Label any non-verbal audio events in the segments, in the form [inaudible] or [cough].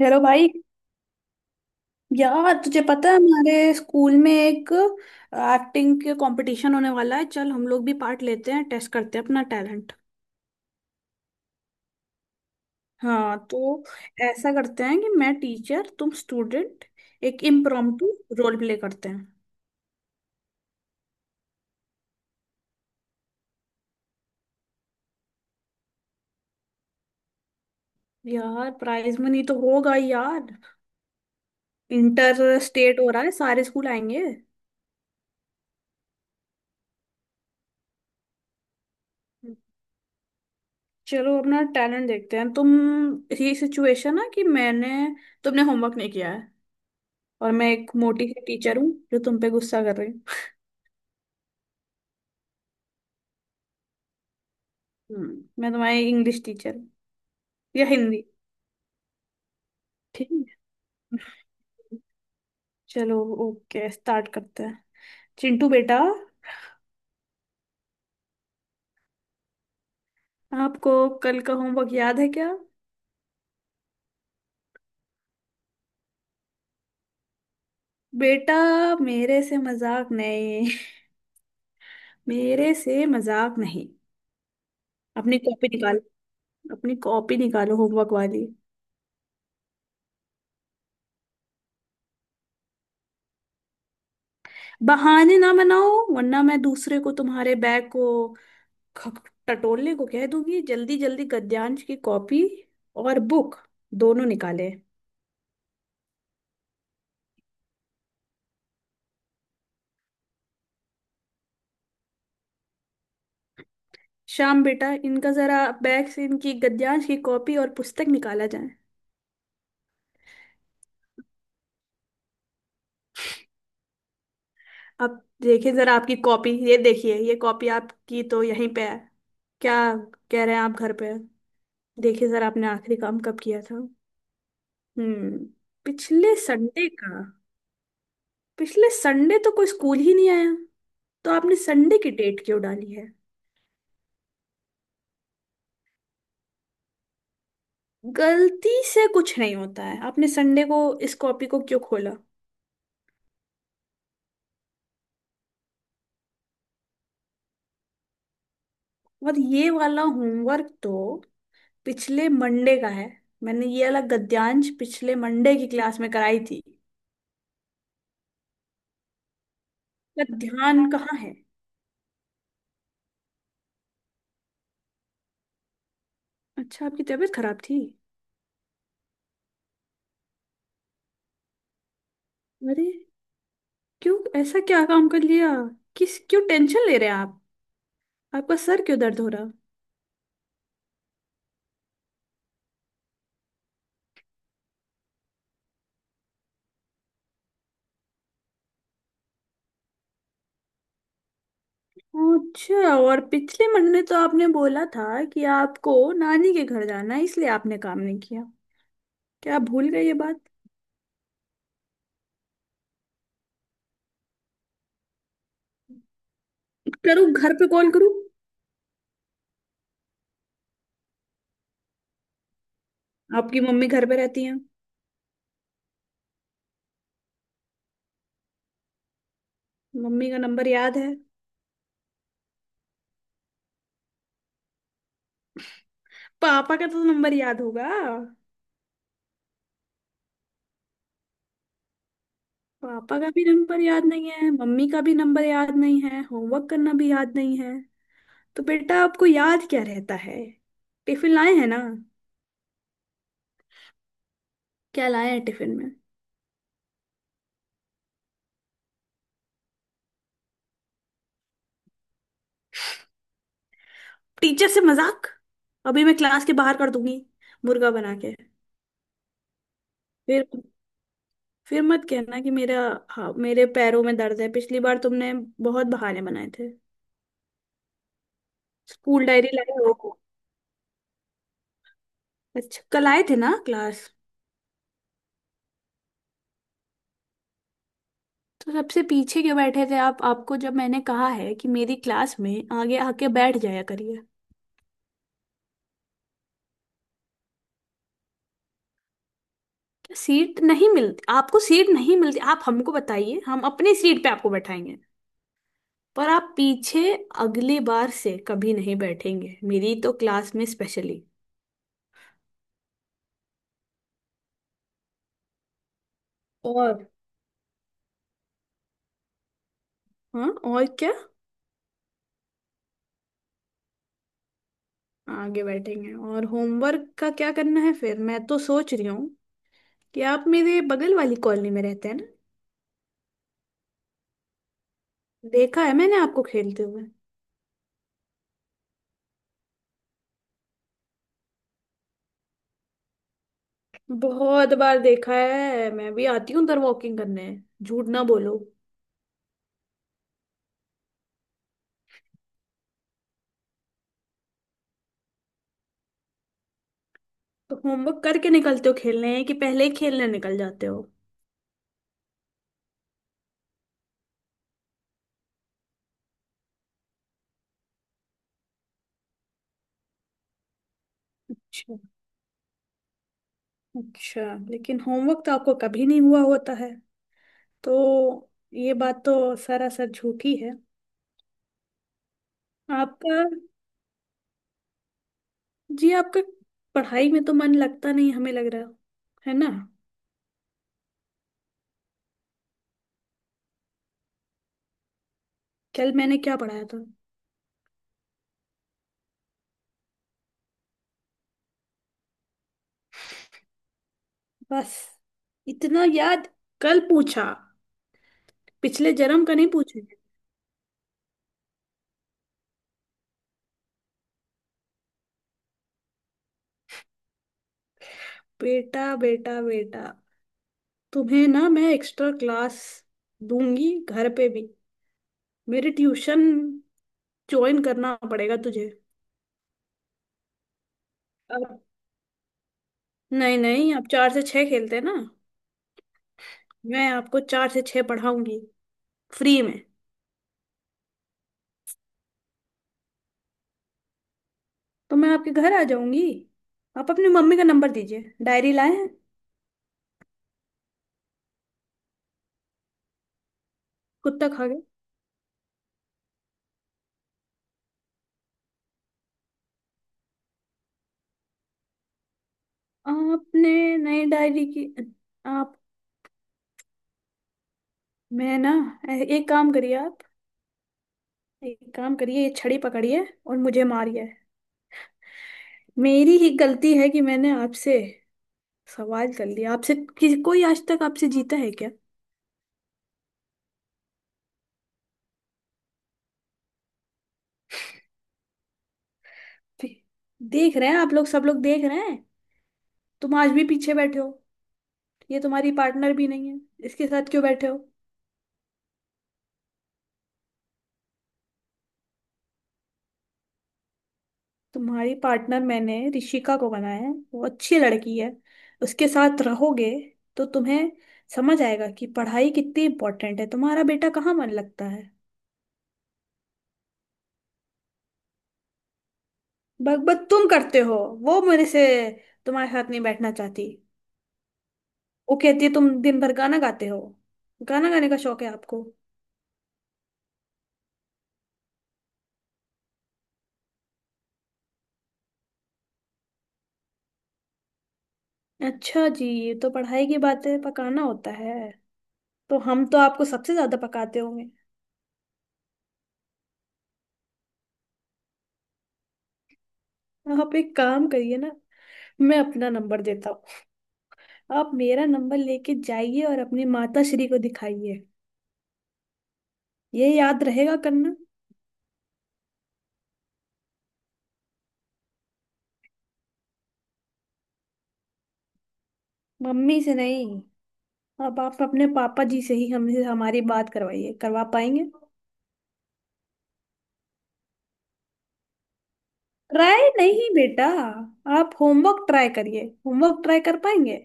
Hello भाई। यार तुझे पता है हमारे स्कूल में एक एक्टिंग के कंपटीशन होने वाला है। चल हम लोग भी पार्ट लेते हैं, टेस्ट करते हैं अपना टैलेंट। हाँ, तो ऐसा करते हैं कि मैं टीचर, तुम स्टूडेंट। एक इम्प्रॉम्प्टू रोल प्ले करते हैं। यार प्राइज मनी तो होगा ही यार। इंटर स्टेट हो रहा है, सारे स्कूल आएंगे। चलो अपना टैलेंट देखते हैं। तुम, ये सिचुएशन है कि मैंने तुमने होमवर्क नहीं किया है, और मैं एक मोटी सी टीचर हूँ जो तुम पे गुस्सा कर रही। हम्म, मैं तुम्हारी इंग्लिश टीचर हूँ या हिंदी। ठीक है, चलो, ओके, स्टार्ट करते हैं। चिंटू बेटा, आपको कल का होमवर्क याद है क्या? बेटा, मेरे से मजाक नहीं। [laughs] मेरे से मजाक नहीं। अपनी कॉपी निकालो, अपनी कॉपी निकालो होमवर्क वाली। बहाने ना बनाओ वरना मैं दूसरे को तुम्हारे बैग को टटोलने को कह दूंगी। जल्दी जल्दी गद्यांश की कॉपी और बुक दोनों निकाले। श्याम बेटा, इनका जरा बैग से इनकी गद्यांश की कॉपी और पुस्तक निकाला जाए। अब देखिए जरा आपकी कॉपी, ये देखिए, ये कॉपी आपकी तो यहीं पे है। क्या कह रहे हैं आप घर पे? देखिए जरा, आपने आखिरी काम कब किया था? हम्म, पिछले संडे का? पिछले संडे तो कोई स्कूल ही नहीं आया, तो आपने संडे की डेट क्यों डाली है? गलती से कुछ नहीं होता है। आपने संडे को इस कॉपी को क्यों खोला? और ये वाला होमवर्क तो पिछले मंडे का है। मैंने ये वाला गद्यांश पिछले मंडे की क्लास में कराई थी, पर ध्यान कहाँ है? अच्छा, आपकी तबीयत खराब थी? अरे, क्यों, ऐसा क्या काम कर लिया? किस, क्यों टेंशन ले रहे हैं आप? आपका सर क्यों दर्द हो रहा? अच्छा, और पिछले महीने तो आपने बोला था कि आपको नानी के घर जाना है इसलिए आपने काम नहीं किया। क्या आप भूल गए ये बात? करूँ, घर पे कॉल करूँ? आपकी मम्मी घर पे रहती हैं? मम्मी का नंबर याद है? पापा का तो नंबर याद होगा? पापा का भी नंबर याद नहीं है, मम्मी का भी नंबर याद नहीं है, होमवर्क करना भी याद नहीं है, तो बेटा आपको याद क्या रहता है? टिफिन लाए हैं ना? क्या लाए हैं टिफिन में? टीचर से मजाक? अभी मैं क्लास के बाहर कर दूंगी, मुर्गा बना के। फिर फिर मत कहना कि मेरा, हाँ मेरे पैरों में दर्द है। पिछली बार तुमने बहुत बहाने बनाए थे। स्कूल डायरी लाए हो? अच्छा, कल आए थे ना क्लास? तो सबसे पीछे क्यों बैठे थे आप? आपको जब मैंने कहा है कि मेरी क्लास में आगे आके बैठ जाया करिए। सीट नहीं मिलती? आपको सीट नहीं मिलती? आप हमको बताइए, हम अपनी सीट पे आपको बैठाएंगे। पर आप पीछे अगली बार से कभी नहीं बैठेंगे, मेरी तो क्लास में स्पेशली। और, हाँ, और क्या? आगे बैठेंगे और होमवर्क का क्या करना है? फिर मैं तो सोच रही हूँ कि आप मेरे बगल वाली कॉलोनी में रहते हैं ना। देखा है मैंने आपको खेलते हुए। बहुत बार देखा है, मैं भी आती हूँ उधर वॉकिंग करने। झूठ ना बोलो। तो होमवर्क करके निकलते हो खेलने कि पहले ही खेलने निकल जाते हो? अच्छा, अच्छा, लेकिन होमवर्क तो आपको कभी नहीं हुआ होता है तो ये बात तो सरासर झूठी है। आपका, जी आपका पढ़ाई में तो मन लगता नहीं, हमें लग रहा है ना? कल मैंने क्या पढ़ाया था? बस इतना याद? कल पूछा, पिछले जन्म का नहीं पूछेंगे। बेटा बेटा बेटा, तुम्हें ना मैं एक्स्ट्रा क्लास दूंगी घर पे भी। मेरी ट्यूशन ज्वाइन करना पड़ेगा तुझे। अब, नहीं नहीं, आप चार से छह खेलते हैं ना, मैं आपको चार से छह पढ़ाऊंगी फ्री में। तो मैं आपके घर आ जाऊंगी। आप अपनी मम्मी का नंबर दीजिए। डायरी लाए हैं? कुत्ता खा गया? आपने नई डायरी की? आप, मैं ना, एक काम करिए आप, एक काम करिए, ये छड़ी पकड़िए और मुझे मारिए। मेरी ही गलती है कि मैंने आपसे सवाल कर लिया। आपसे किसी, कोई आज तक आपसे जीता है क्या? देख रहे हैं आप लोग, सब लोग देख रहे हैं। तुम आज भी पीछे बैठे हो। ये तुम्हारी पार्टनर भी नहीं है, इसके साथ क्यों बैठे हो? तुम्हारी पार्टनर मैंने ऋषिका को बनाया है, वो अच्छी लड़की है। उसके साथ रहोगे तो तुम्हें समझ आएगा कि पढ़ाई कितनी इम्पोर्टेंट है। तुम्हारा बेटा कहाँ मन लगता है? बकबक तुम करते हो। वो मेरे से, तुम्हारे साथ नहीं बैठना चाहती। वो कहती है तुम दिन भर गाना गाते हो। गाना गाने का शौक है आपको? अच्छा जी, ये तो पढ़ाई की बातें पकाना होता है, तो हम तो आपको सबसे ज्यादा पकाते होंगे। आप एक काम करिए ना, मैं अपना नंबर देता हूँ। आप मेरा नंबर लेके जाइए और अपनी माता श्री को दिखाइए। ये याद रहेगा करना? मम्मी से नहीं, अब आप अपने पापा जी से ही हमसे हमारी बात करवाइए, करवा पाएंगे? ट्राई नहीं बेटा, आप होमवर्क ट्राई करिए, होमवर्क ट्राई कर पाएंगे?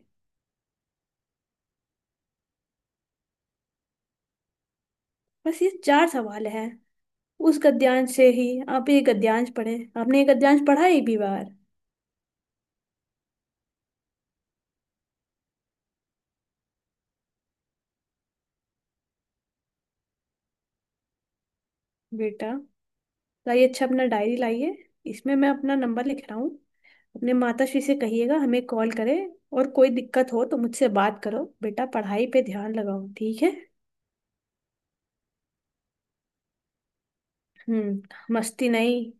बस ये चार सवाल हैं उस गद्यांश से ही। आप ये गद्यांश पढ़े? आपने ये गद्यांश पढ़ा एक भी बार? बेटा, लाइए, अच्छा अपना डायरी लाइए, इसमें मैं अपना नंबर लिख रहा हूँ। अपने माता श्री से कहिएगा हमें कॉल करें। और कोई दिक्कत हो तो मुझसे बात करो बेटा। पढ़ाई पे ध्यान लगाओ, ठीक है? हम्म, मस्ती नहीं,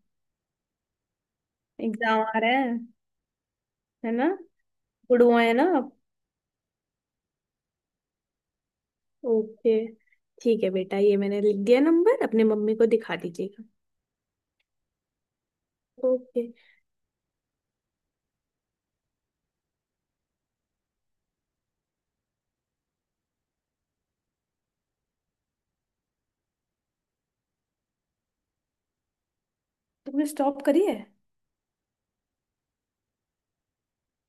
एग्जाम आ रहे हैं, है ना? गुड़ुआ है ना आप? ओके, ठीक है बेटा, ये मैंने लिख दिया नंबर, अपने मम्मी को दिखा दीजिएगा। ओके, तुमने स्टॉप करी है?